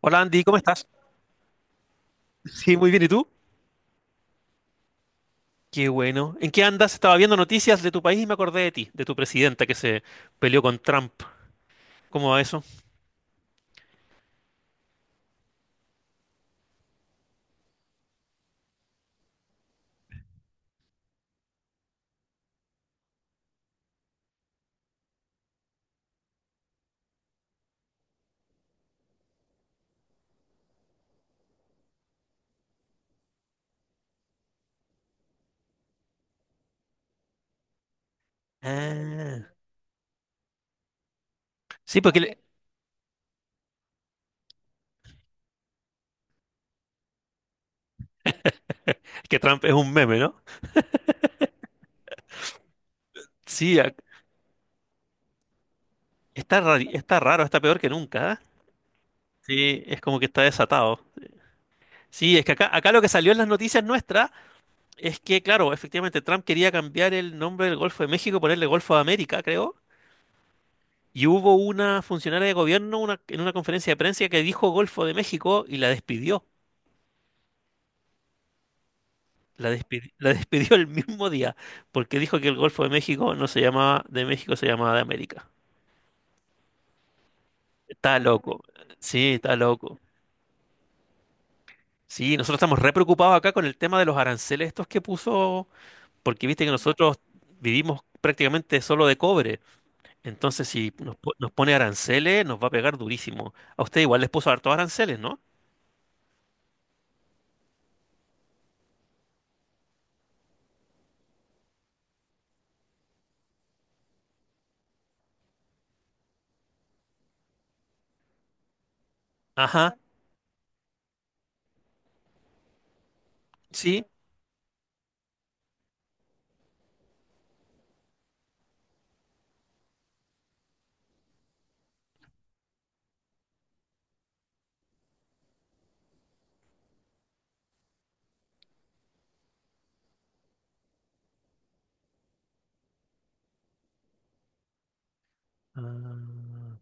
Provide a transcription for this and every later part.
Hola Andy, ¿cómo estás? Sí, muy bien, ¿y tú? Qué bueno. ¿En qué andas? Estaba viendo noticias de tu país y me acordé de ti, de tu presidenta que se peleó con Trump. ¿Cómo va eso? Ah, sí, que Trump es un meme, ¿no? Sí, está raro, está peor que nunca. ¿Eh? Sí, es como que está desatado. Sí, es que acá lo que salió en las noticias nuestras es que, claro, efectivamente Trump quería cambiar el nombre del Golfo de México, ponerle Golfo de América, creo. Y hubo una funcionaria de gobierno en una conferencia de prensa que dijo Golfo de México y la despidió. La despidió el mismo día porque dijo que el Golfo de México no se llamaba de México, se llamaba de América. Está loco. Sí, está loco. Sí, nosotros estamos re preocupados acá con el tema de los aranceles estos que puso, porque viste que nosotros vivimos prácticamente solo de cobre. Entonces, si nos pone aranceles, nos va a pegar durísimo. A usted igual les puso hartos aranceles, ¿no? Ajá, sí. Ah.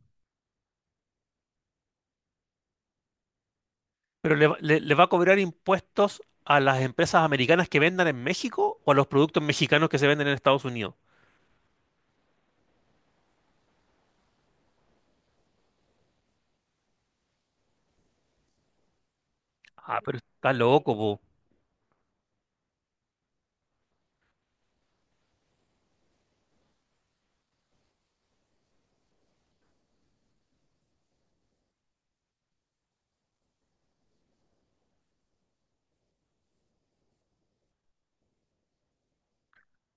Pero le va a cobrar impuestos a las empresas americanas que vendan en México o a los productos mexicanos que se venden en Estados Unidos. Ah, pero está loco, po.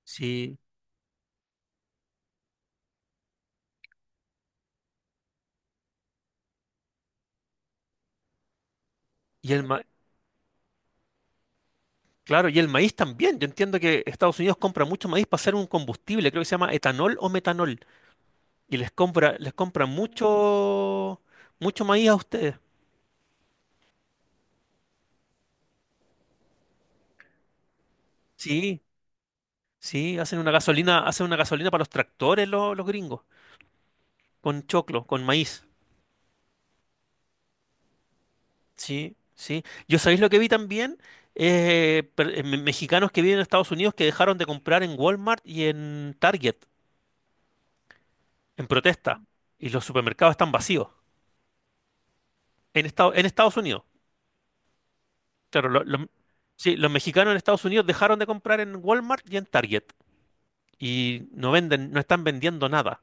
Sí. Y el ma- claro, y el maíz también. Yo entiendo que Estados Unidos compra mucho maíz para hacer un combustible, creo que se llama etanol o metanol. Y les compra mucho, mucho maíz a ustedes. Sí, sí, hacen una gasolina para los tractores los gringos, con choclo, con maíz. Sí, sí. Yo sabéis lo que vi también, mexicanos que viven en Estados Unidos que dejaron de comprar en Walmart y en Target en protesta y los supermercados están vacíos en Estados Unidos. Claro, sí, los mexicanos en Estados Unidos dejaron de comprar en Walmart y en Target y no venden, no están vendiendo nada.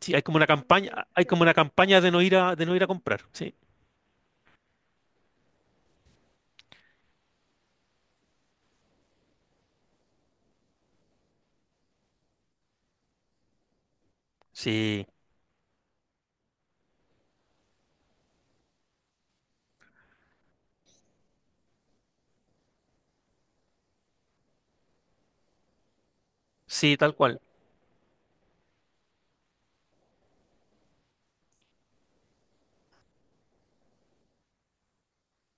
Sí, hay como una campaña de no ir a comprar. Sí, sí, sí, tal cual.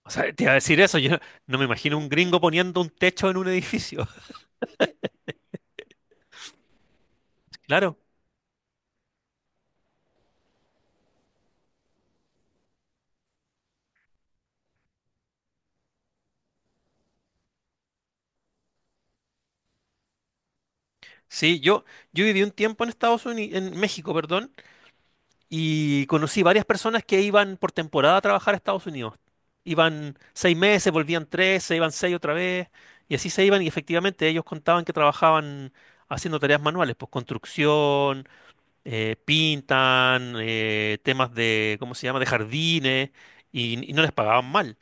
O sea, te iba a decir eso, yo no me imagino un gringo poniendo un techo en un edificio. Claro. Sí, yo viví un tiempo en Estados Unidos, en México, perdón, y conocí varias personas que iban por temporada a trabajar a Estados Unidos. Iban 6 meses, volvían tres, se iban seis otra vez, y así se iban, y efectivamente ellos contaban que trabajaban haciendo tareas manuales, pues construcción, pintan, temas de, ¿cómo se llama?, de jardines, y no les pagaban mal.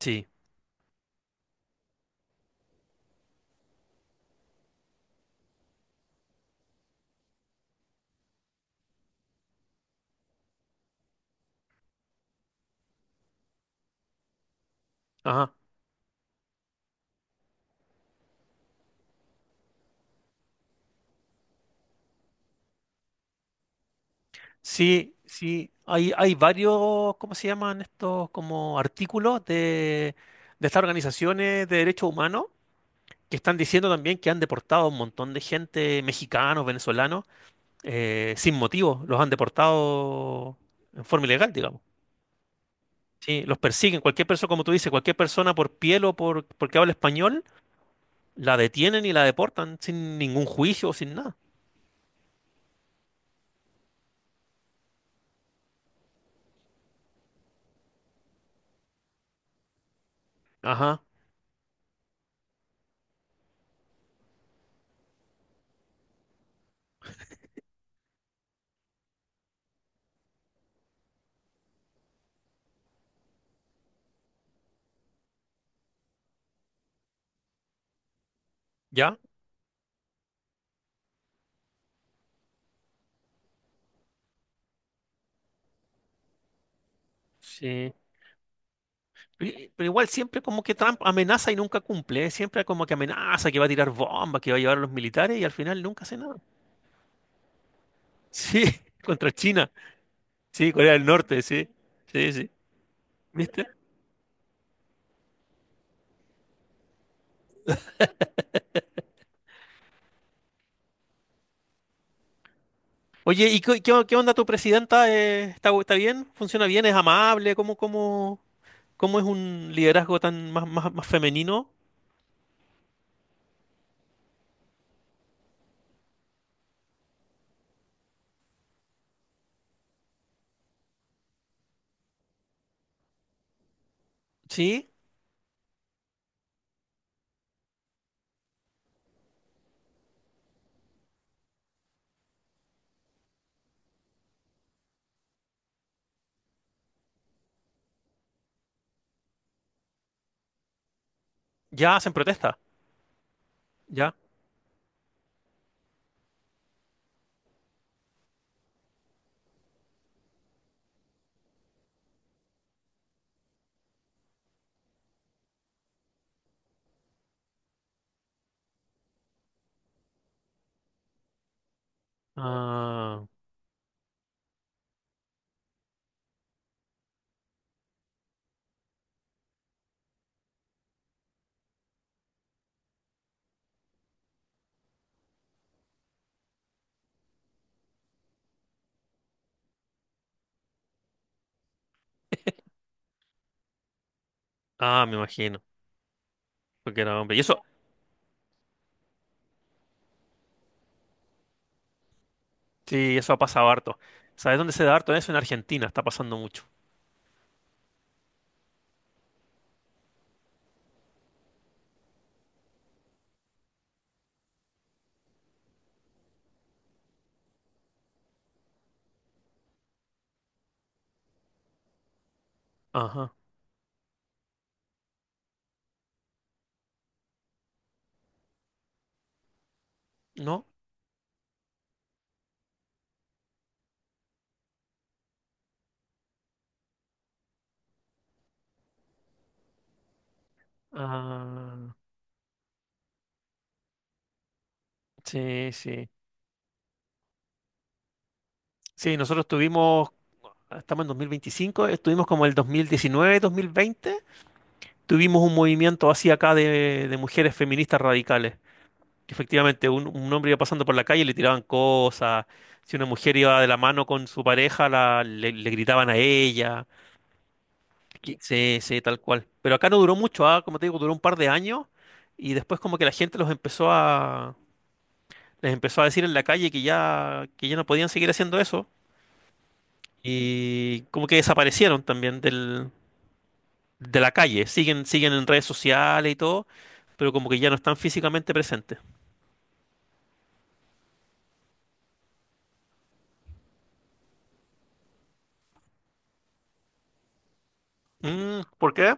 Sí, ajá. Sí, sí, hay varios, ¿cómo se llaman estos como artículos de estas organizaciones de derechos humanos que están diciendo también que han deportado a un montón de gente, mexicanos, venezolanos, sin motivo, los han deportado en forma ilegal, digamos. Sí, los persiguen, cualquier persona, como tú dices, cualquier persona por piel o por, porque habla español, la detienen y la deportan sin ningún juicio, sin nada. Ajá, ¿ya? Sí. Pero igual siempre como que Trump amenaza y nunca cumple, ¿eh? Siempre como que amenaza, que va a tirar bombas, que va a llevar a los militares y al final nunca hace nada. Sí, contra China, sí, Corea del Norte, sí, sí, sí, ¿viste? Oye, ¿y qué onda tu presidenta? ¿Está, está bien? ¿Funciona bien? ¿Es amable? ¿Cómo es un liderazgo tan más, más, más femenino? ¿Sí? Ya hacen protesta, ya. Ah, ah, me imagino, porque era hombre. ¿Y eso? Sí, eso ha pasado harto. ¿Sabes dónde se da harto eso? En Argentina está pasando mucho. Ajá. ¿No? Ah, sí, sí. Sí, nosotros estamos en 2025, estuvimos como el 2019, 2020, tuvimos un movimiento así acá de mujeres feministas radicales, que efectivamente, un hombre iba pasando por la calle y le tiraban cosas. Si una mujer iba de la mano con su pareja, le gritaban a ella. Sí, sí, tal cual. Pero acá no duró mucho, ah, como te digo, duró un par de años y después como que la gente los empezó a les empezó a decir en la calle que ya no podían seguir haciendo eso y como que desaparecieron también del de la calle. Siguen en redes sociales y todo, pero como que ya no están físicamente presentes. Mm, ¿por qué?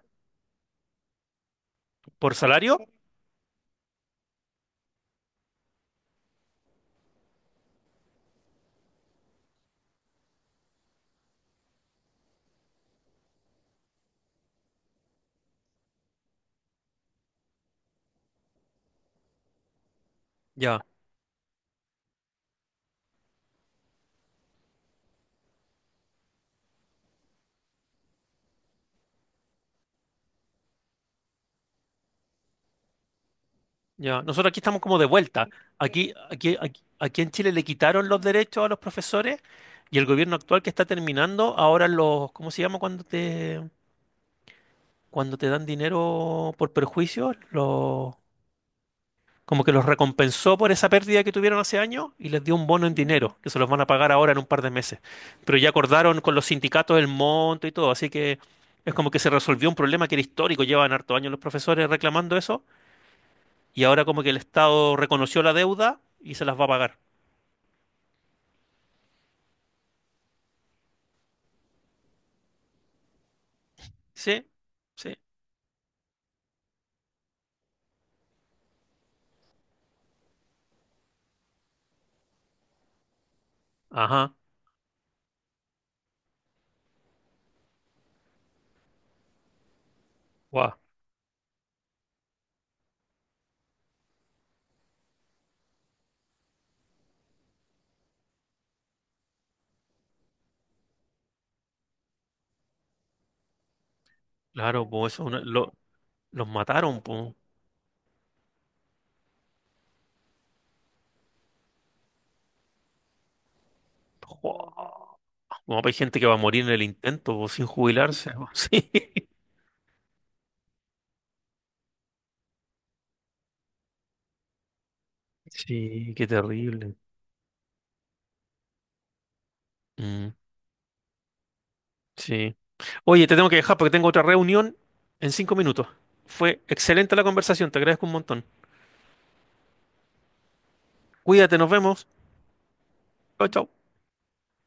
¿Por salario? Ya. Ya, nosotros aquí estamos como de vuelta. Aquí en Chile le quitaron los derechos a los profesores y el gobierno actual que está terminando, ahora los, ¿cómo se llama cuando te dan dinero por perjuicio? Los, como que los recompensó por esa pérdida que tuvieron hace años y les dio un bono en dinero, que se los van a pagar ahora en un par de meses. Pero ya acordaron con los sindicatos el monto y todo, así que es como que se resolvió un problema que era histórico, llevan harto años los profesores reclamando eso. Y ahora como que el Estado reconoció la deuda y se las va a pagar. Sí, sí. Ajá. Guau. Claro, pues eso es los mataron, pues. Guau. Como hay gente que va a morir en el intento, po, sin jubilarse. Po. Sí. Sí, qué terrible. Mm, sí. Oye, te tengo que dejar porque tengo otra reunión en 5 minutos. Fue excelente la conversación, te agradezco un montón. Cuídate, nos vemos. Chao, chao.